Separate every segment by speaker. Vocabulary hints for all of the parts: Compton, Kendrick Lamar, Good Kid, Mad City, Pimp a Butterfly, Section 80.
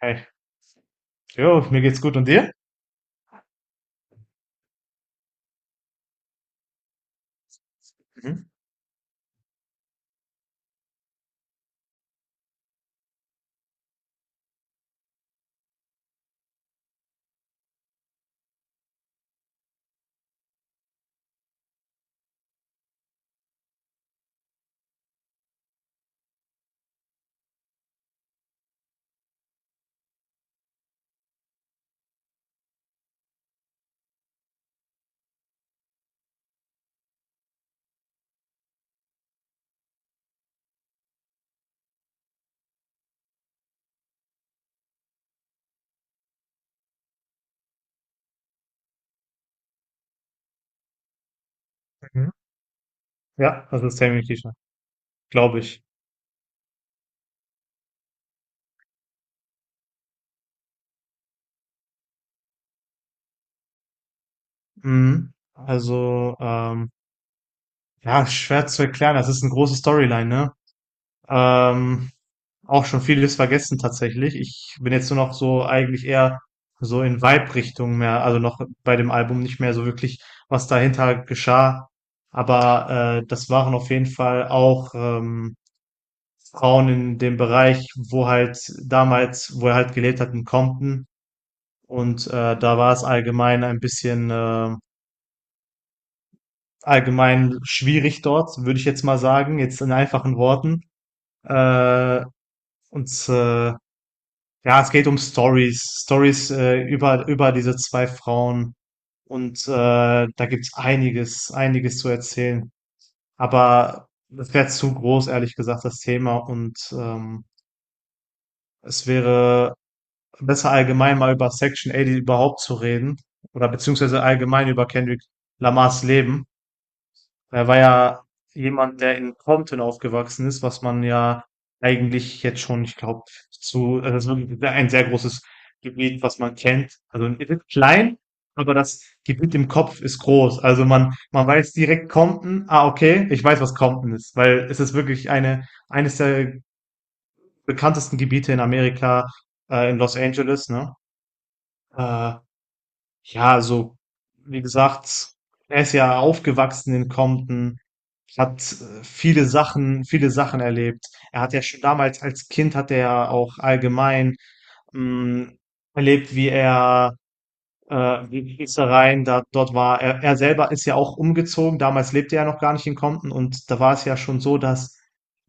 Speaker 1: Hey, jo, mir geht's gut und dir? Mhm. Mhm. Ja, das ist Tammy T-Shirt, glaube ich. Mhm. Also, ähm, ja, schwer zu erklären, das ist eine große Storyline, ne? Ähm, Auch schon vieles vergessen tatsächlich. Ich bin jetzt nur noch so eigentlich eher so in Vibe-Richtung mehr, also noch bei dem Album nicht mehr so wirklich, was dahinter geschah. Aber das waren auf jeden Fall auch Frauen in dem Bereich, wo halt damals, wo er halt gelebt hat in Compton. Und da war es allgemein ein bisschen allgemein schwierig dort, würde ich jetzt mal sagen, jetzt in einfachen Worten. Äh, und äh, ja, es geht um Stories, Stories über diese zwei Frauen. Und da gibt's einiges, einiges zu erzählen. Aber das wäre zu groß, ehrlich gesagt, das Thema. Und es wäre besser allgemein mal über Section 80 überhaupt zu reden. Oder beziehungsweise allgemein über Kendrick Lamars Leben. Er war ja jemand, der in Compton aufgewachsen ist, was man ja eigentlich jetzt schon, ich glaube, zu, also das ist wirklich ein sehr großes Gebiet, was man kennt. Also es ist klein, aber das Gebiet im Kopf ist groß. Also man weiß direkt Compton, ah, okay, ich weiß, was Compton ist, weil es ist wirklich eine, eines der bekanntesten Gebiete in Amerika, in Los Angeles, ne? Äh, ja, also, wie gesagt, er ist ja aufgewachsen in Compton, hat viele Sachen erlebt. Er hat ja schon damals als Kind hat er ja auch allgemein mh, erlebt, wie er Gießereien, da, dort war er, er selber ist ja auch umgezogen. Damals lebte er ja noch gar nicht in Compton und da war es ja schon so, dass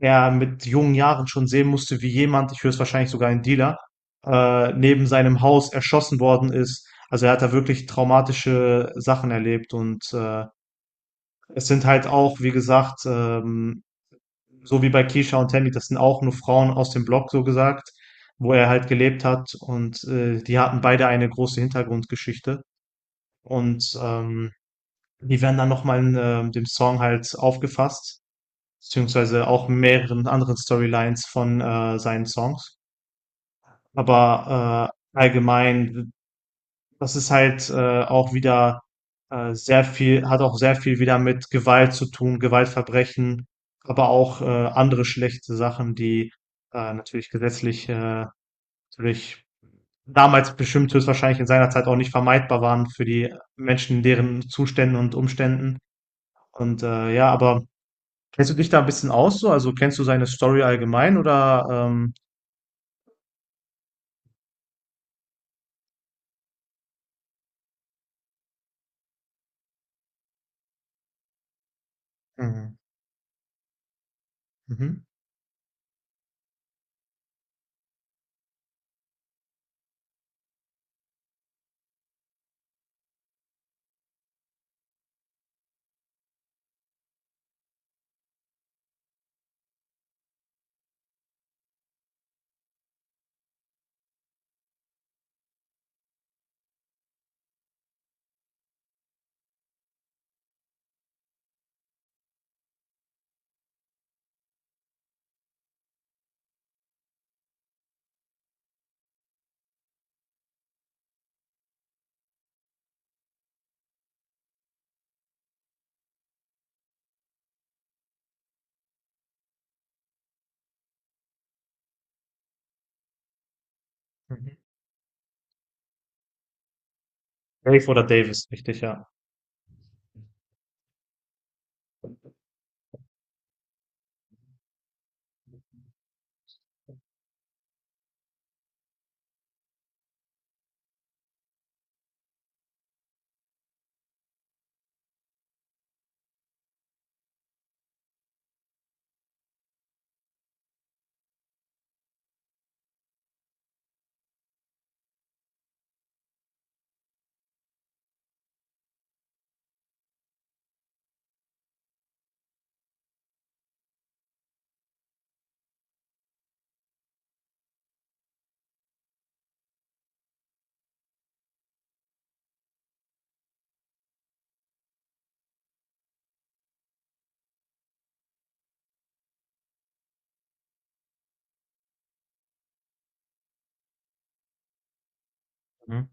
Speaker 1: er mit jungen Jahren schon sehen musste, wie jemand, ich höchstwahrscheinlich sogar ein Dealer, neben seinem Haus erschossen worden ist. Also er hat da wirklich traumatische Sachen erlebt und es sind halt auch, wie gesagt, so wie bei Keisha und Tammy, das sind auch nur Frauen aus dem Block, so gesagt, wo er halt gelebt hat und die hatten beide eine große Hintergrundgeschichte. Und die werden dann nochmal in dem Song halt aufgefasst, beziehungsweise auch mehreren anderen Storylines von seinen Songs. Aber allgemein, das ist halt auch wieder sehr viel, hat auch sehr viel wieder mit Gewalt zu tun, Gewaltverbrechen, aber auch andere schlechte Sachen, die natürlich gesetzlich natürlich damals bestimmt höchstwahrscheinlich in seiner Zeit auch nicht vermeidbar waren für die Menschen in deren Zuständen und Umständen. Und ja, aber kennst du dich da ein bisschen aus so? Also kennst du seine Story allgemein oder mhm. Mhm. Mhm. Dave oder Davis, richtig, ja. Mhm.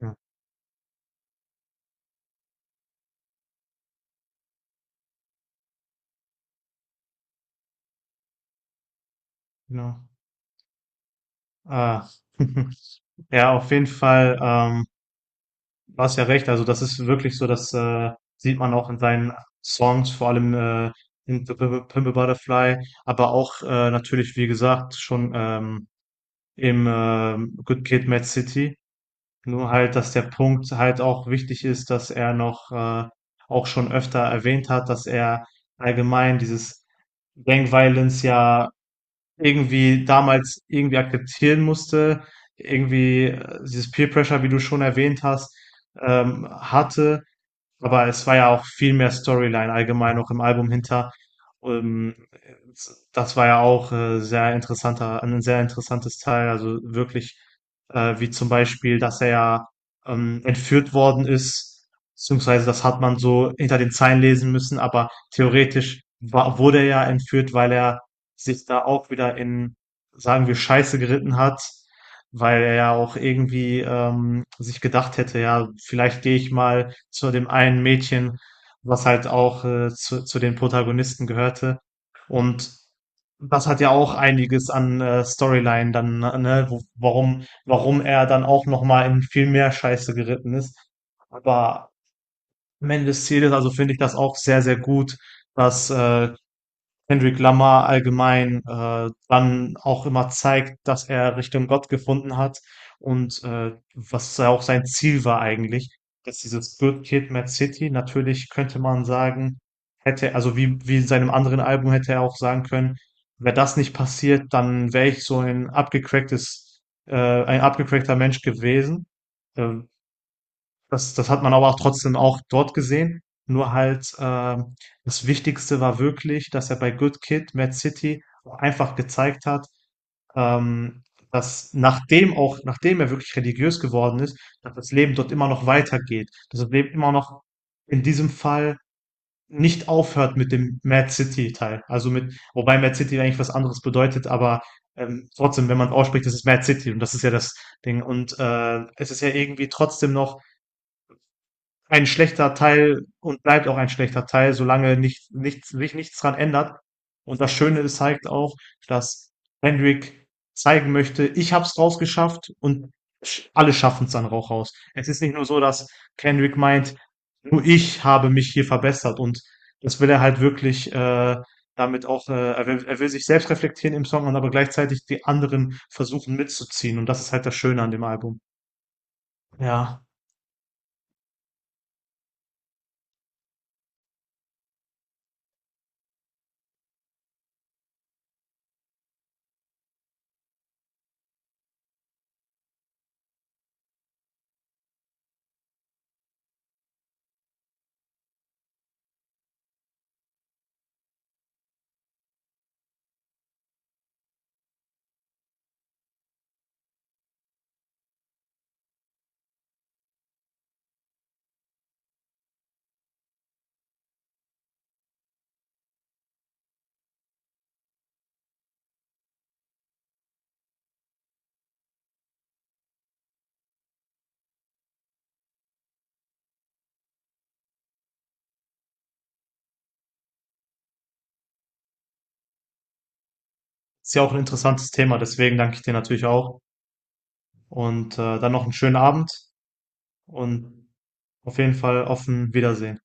Speaker 1: Ja, genau. Ah. Ja, auf jeden Fall, du hast ja recht. Also das ist wirklich so, das sieht man auch in seinen Songs, vor allem in Pimp a Butterfly, aber auch natürlich, wie gesagt, schon im Good Kid, Mad City. Nur halt, dass der Punkt halt auch wichtig ist, dass er noch auch schon öfter erwähnt hat, dass er allgemein dieses Gang Violence ja irgendwie damals irgendwie akzeptieren musste, irgendwie dieses Peer Pressure, wie du schon erwähnt hast, hatte aber es war ja auch viel mehr Storyline allgemein auch im Album hinter. Ähm, Das war ja auch sehr interessanter, ein sehr interessantes Teil. Also wirklich, wie zum Beispiel, dass er ja entführt worden ist, beziehungsweise das hat man so hinter den Zeilen lesen müssen, aber theoretisch war, wurde er ja entführt, weil er sich da auch wieder in, sagen wir, Scheiße geritten hat, weil er ja auch irgendwie sich gedacht hätte, ja, vielleicht gehe ich mal zu dem einen Mädchen, was halt auch zu den Protagonisten gehörte. Und das hat ja auch einiges an Storyline dann, ne, ne, wo, warum, warum er dann auch nochmal in viel mehr Scheiße geritten ist. Aber am Ende des Zieles, also finde ich das auch sehr, sehr gut, dass Kendrick Lamar allgemein dann auch immer zeigt, dass er Richtung Gott gefunden hat und was ja auch sein Ziel war eigentlich, dass dieses Good Kid, Mad City, natürlich könnte man sagen, hätte, also wie, wie in seinem anderen Album hätte er auch sagen können, wäre das nicht passiert, dann wäre ich so ein abgecracktes, ein abgecrackter Mensch gewesen. Äh, das hat man aber auch trotzdem auch dort gesehen. Nur halt, das Wichtigste war wirklich, dass er bei Good Kid, Mad City auch einfach gezeigt hat, ähm, dass nachdem auch, nachdem er wirklich religiös geworden ist, dass das Leben dort immer noch weitergeht. Dass das Leben immer noch in diesem Fall nicht aufhört mit dem Mad City Teil. Also mit, wobei Mad City eigentlich was anderes bedeutet, aber trotzdem, wenn man es ausspricht, das ist Mad City und das ist ja das Ding. Und es ist ja irgendwie trotzdem noch ein schlechter Teil und bleibt auch ein schlechter Teil, solange nicht, nichts, sich nichts dran ändert. Und das Schöne ist halt auch, dass Hendrik zeigen möchte, ich hab's rausgeschafft und alle schaffen's dann auch raus. Es ist nicht nur so, dass Kendrick meint, nur ich habe mich hier verbessert und das will er halt wirklich damit auch, er will sich selbst reflektieren im Song und aber gleichzeitig die anderen versuchen mitzuziehen und das ist halt das Schöne an dem Album. Ja. Ist ja auch ein interessantes Thema, deswegen danke ich dir natürlich auch und, dann noch einen schönen Abend und auf jeden Fall offen Wiedersehen.